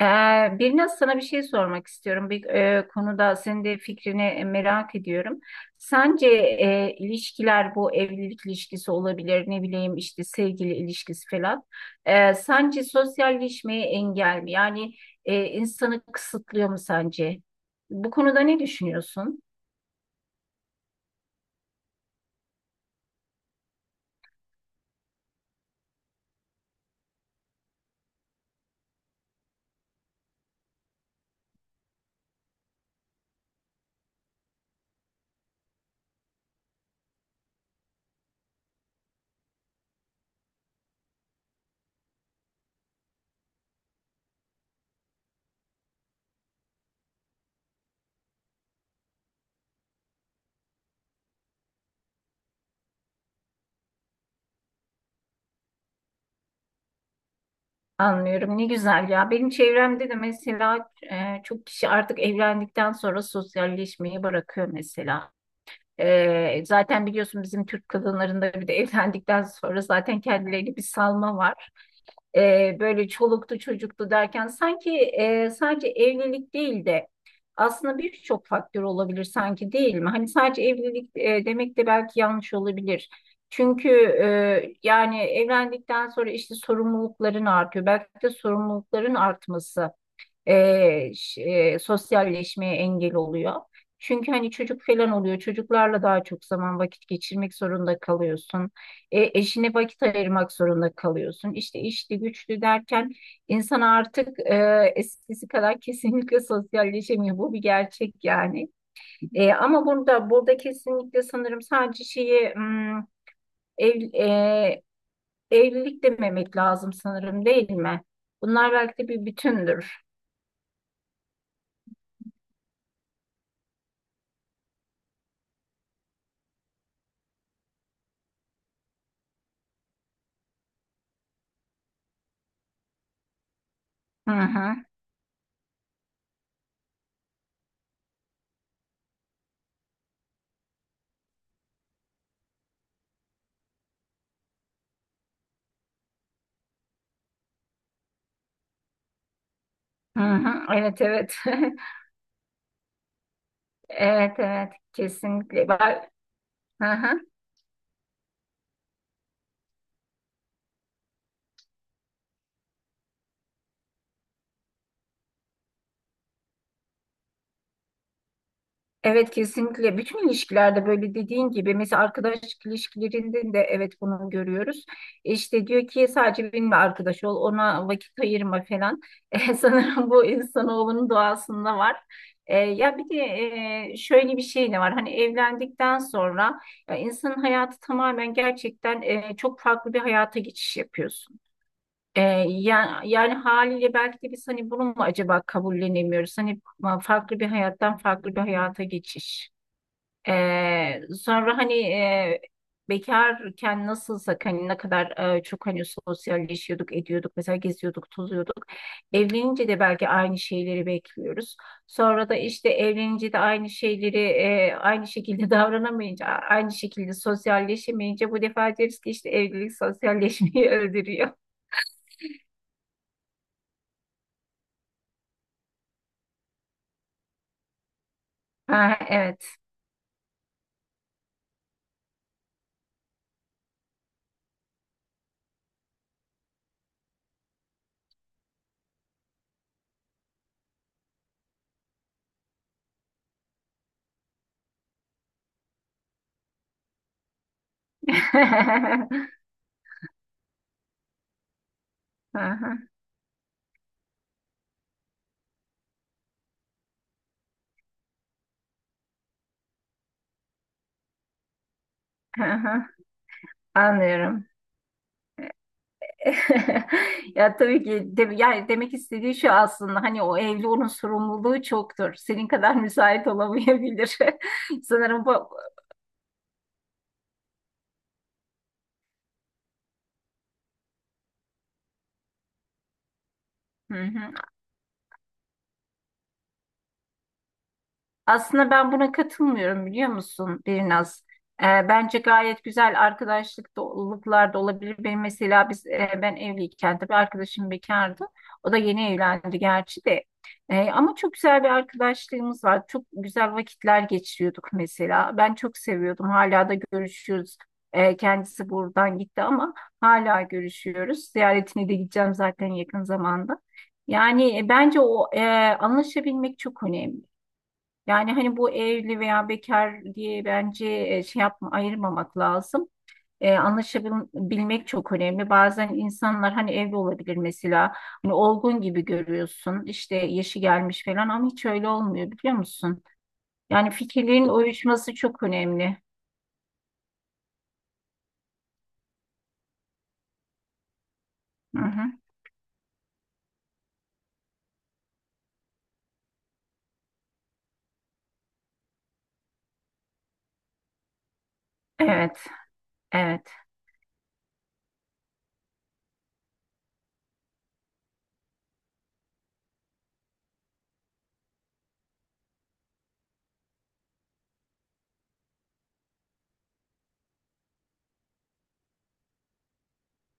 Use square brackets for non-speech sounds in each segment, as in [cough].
Ee, Birnaz, sana bir şey sormak istiyorum. Bir konuda senin de fikrini merak ediyorum. Sence ilişkiler, bu evlilik ilişkisi olabilir, ne bileyim işte sevgili ilişkisi falan. Sence sosyalleşmeye engel mi? Yani insanı kısıtlıyor mu sence? Bu konuda ne düşünüyorsun? Anlıyorum. Ne güzel ya. Benim çevremde de mesela çok kişi artık evlendikten sonra sosyalleşmeyi bırakıyor mesela. Zaten biliyorsun, bizim Türk kadınlarında bir de [laughs] evlendikten sonra zaten kendilerini bir salma var. Böyle çoluktu çocuktu derken sanki sadece evlilik değil de aslında birçok faktör olabilir sanki, değil mi? Hani sadece evlilik demek de belki yanlış olabilir. Çünkü yani evlendikten sonra işte sorumlulukların artıyor. Belki de sorumlulukların artması sosyalleşmeye engel oluyor. Çünkü hani çocuk falan oluyor. Çocuklarla daha çok zaman vakit geçirmek zorunda kalıyorsun. Eşine vakit ayırmak zorunda kalıyorsun. İşte işli güçlü derken insan artık eskisi kadar [laughs] kesinlikle sosyalleşemiyor. Bu bir gerçek yani. Ama burada kesinlikle sanırım sadece şeyi ev, e, evlilik dememek lazım sanırım, değil mi? Bunlar belki de bir bütündür. Hı hı. Hı hı, evet evet. [laughs] Evet evet, kesinlikle. Ben- Hı hı. Evet kesinlikle. Bütün ilişkilerde, böyle dediğin gibi, mesela arkadaşlık ilişkilerinde de evet, bunu görüyoruz. İşte diyor ki sadece benimle arkadaş ol, ona vakit ayırma falan. [laughs] Sanırım bu insanoğlunun doğasında var. Ya bir de şöyle bir şey de var. Hani evlendikten sonra ya insanın hayatı tamamen gerçekten çok farklı bir hayata geçiş yapıyorsun. E, yani haliyle belki de biz hani bunu mu acaba kabullenemiyoruz? Hani farklı bir hayattan farklı bir hayata geçiş. Sonra hani bekarken nasılsak hani ne kadar çok hani sosyalleşiyorduk, ediyorduk, mesela geziyorduk, tozuyorduk. Evlenince de belki aynı şeyleri bekliyoruz. Sonra da işte evlenince de aynı şeyleri aynı şekilde [laughs] davranamayınca, aynı şekilde sosyalleşemeyince bu defa deriz ki işte evlilik sosyalleşmeyi [laughs] öldürüyor. Ha, evet. [laughs] Aha, aha. Anlıyorum. [laughs] Ya tabii ki de, yani demek istediği şu aslında, hani o evli, onun sorumluluğu çoktur. Senin kadar müsait olamayabilir. [laughs] Sanırım bu. Hı hı. Aslında ben buna katılmıyorum, biliyor musun Birnaz? Bence gayet güzel arkadaşlık doluluklar da olabilir. Benim mesela ben evliyken tabii arkadaşım bekardı. O da yeni evlendi gerçi de. Ama çok güzel bir arkadaşlığımız var. Çok güzel vakitler geçiriyorduk mesela. Ben çok seviyordum. Hala da görüşüyoruz. Kendisi buradan gitti ama hala görüşüyoruz. Ziyaretine de gideceğim zaten yakın zamanda. Yani bence anlaşabilmek çok önemli. Yani hani bu evli veya bekar diye bence şey yapma, ayırmamak lazım. Anlaşabilmek çok önemli. Bazen insanlar hani evli olabilir mesela. Hani olgun gibi görüyorsun. İşte yaşı gelmiş falan ama hiç öyle olmuyor, biliyor musun? Yani fikirlerin uyuşması çok önemli. Hı hı. Evet. Evet.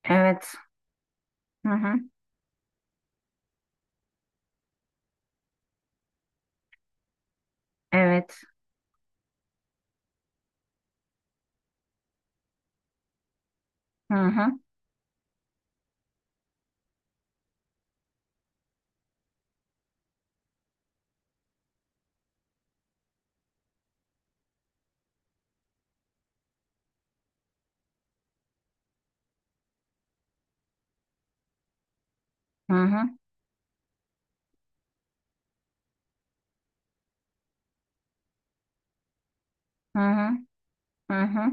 Evet. Hı hı. Evet. Hı hı. Hı hı. Hı hı. Hı hı.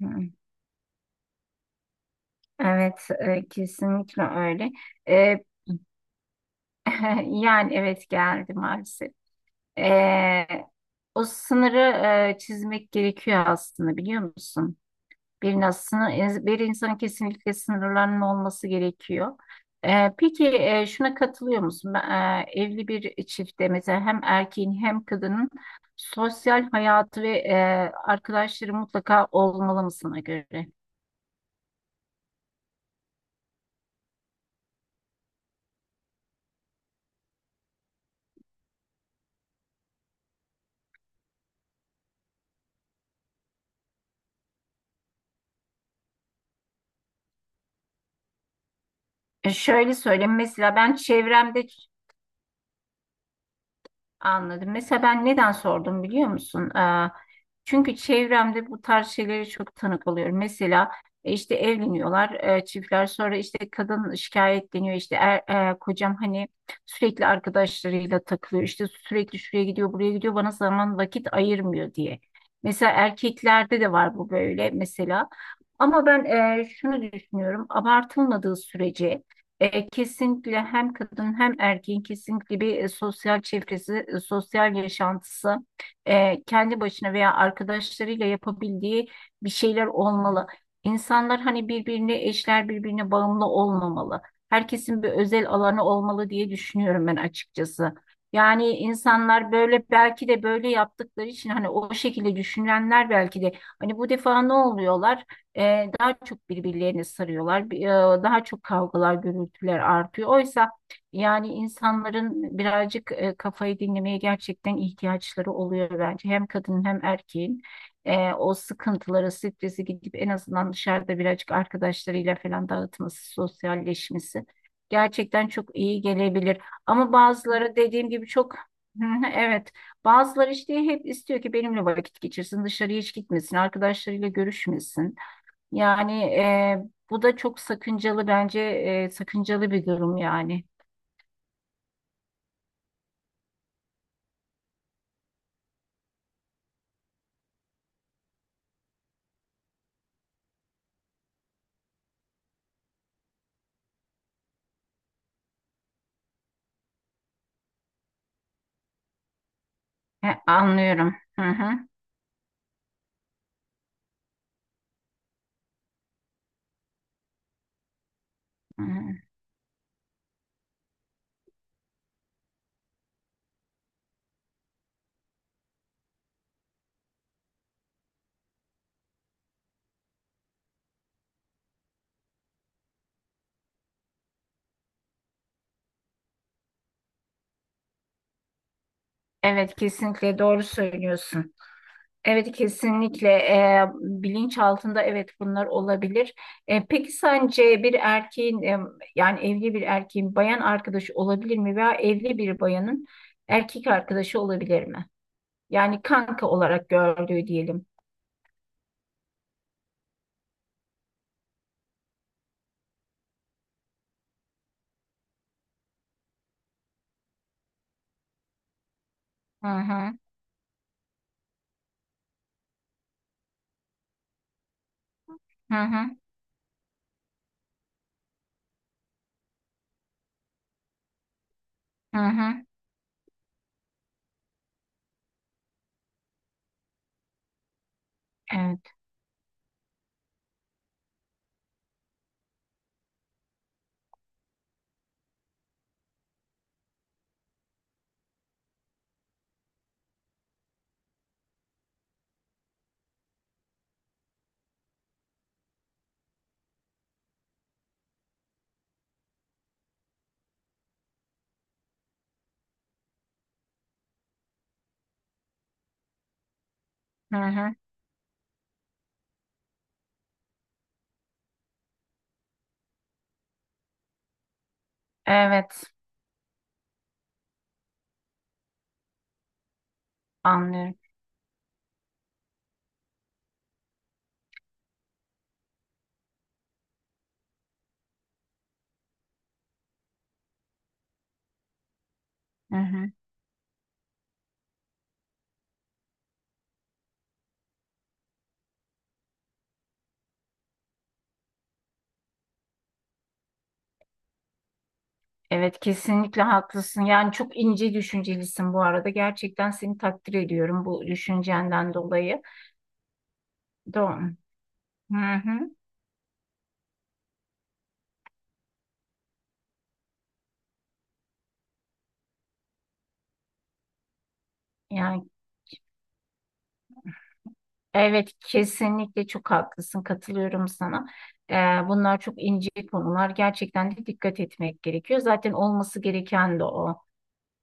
Hı. Evet, kesinlikle öyle. E, [laughs] Yani evet, geldi maalesef. Ee, O sınırı çizmek gerekiyor aslında, biliyor musun? Bir, nasıl, bir insanın kesinlikle sınırlarının olması gerekiyor. Peki şuna katılıyor musun? Evli bir çiftte mesela hem erkeğin hem kadının sosyal hayatı ve arkadaşları mutlaka olmalı mı sana göre? Şöyle söyleyeyim, mesela ben çevremde anladım. Mesela ben neden sordum, biliyor musun? Çünkü çevremde bu tarz şeylere çok tanık oluyorum. Mesela işte evleniyorlar çiftler, sonra işte kadın şikayetleniyor, işte kocam hani sürekli arkadaşlarıyla takılıyor, işte sürekli şuraya gidiyor buraya gidiyor, bana zaman vakit ayırmıyor diye. Mesela erkeklerde de var bu böyle mesela. Ama ben şunu düşünüyorum, abartılmadığı sürece kesinlikle hem kadın hem erkeğin kesinlikle bir sosyal çevresi, sosyal yaşantısı, kendi başına veya arkadaşlarıyla yapabildiği bir şeyler olmalı. İnsanlar hani birbirine, eşler, birbirine bağımlı olmamalı. Herkesin bir özel alanı olmalı diye düşünüyorum ben açıkçası. Yani insanlar böyle belki de böyle yaptıkları için hani o şekilde düşünenler belki de hani bu defa ne oluyorlar? Daha çok birbirlerini sarıyorlar. Daha çok kavgalar, gürültüler artıyor. Oysa yani insanların birazcık kafayı dinlemeye gerçekten ihtiyaçları oluyor bence. Hem kadının hem erkeğin o sıkıntıları, stresi gidip en azından dışarıda birazcık arkadaşlarıyla falan dağıtması, sosyalleşmesi gerçekten çok iyi gelebilir. Ama bazıları dediğim gibi çok [laughs] Hı hı, evet. Bazıları işte hep istiyor ki benimle vakit geçirsin, dışarıya hiç gitmesin, arkadaşlarıyla görüşmesin. Yani bu da çok sakıncalı bence, sakıncalı bir durum yani. He, anlıyorum. Hı hı. Hı hı. Evet, kesinlikle doğru söylüyorsun. Evet kesinlikle, bilinç altında evet, bunlar olabilir. Peki sence bir erkeğin yani evli bir erkeğin bayan arkadaşı olabilir mi, veya evli bir bayanın erkek arkadaşı olabilir mi? Yani kanka olarak gördüğü diyelim. Hı hı hı hı hı hı. Evet. Hı hı. Evet, anlıyorum. Hı hı. Evet kesinlikle haklısın. Yani çok ince düşüncelisin bu arada. Gerçekten seni takdir ediyorum bu düşüncenden dolayı. Doğru. Hı hı. Yani evet kesinlikle çok haklısın, katılıyorum sana. Ee, Bunlar çok ince konular, gerçekten de dikkat etmek gerekiyor. Zaten olması gereken de o.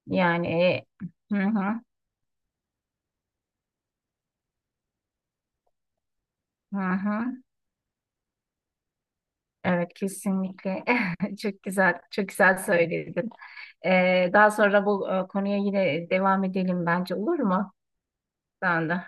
Yani hı hı hı hı. Evet kesinlikle [laughs] çok güzel, çok güzel söyledin. Daha sonra bu konuya yine devam edelim bence, olur mu? Ben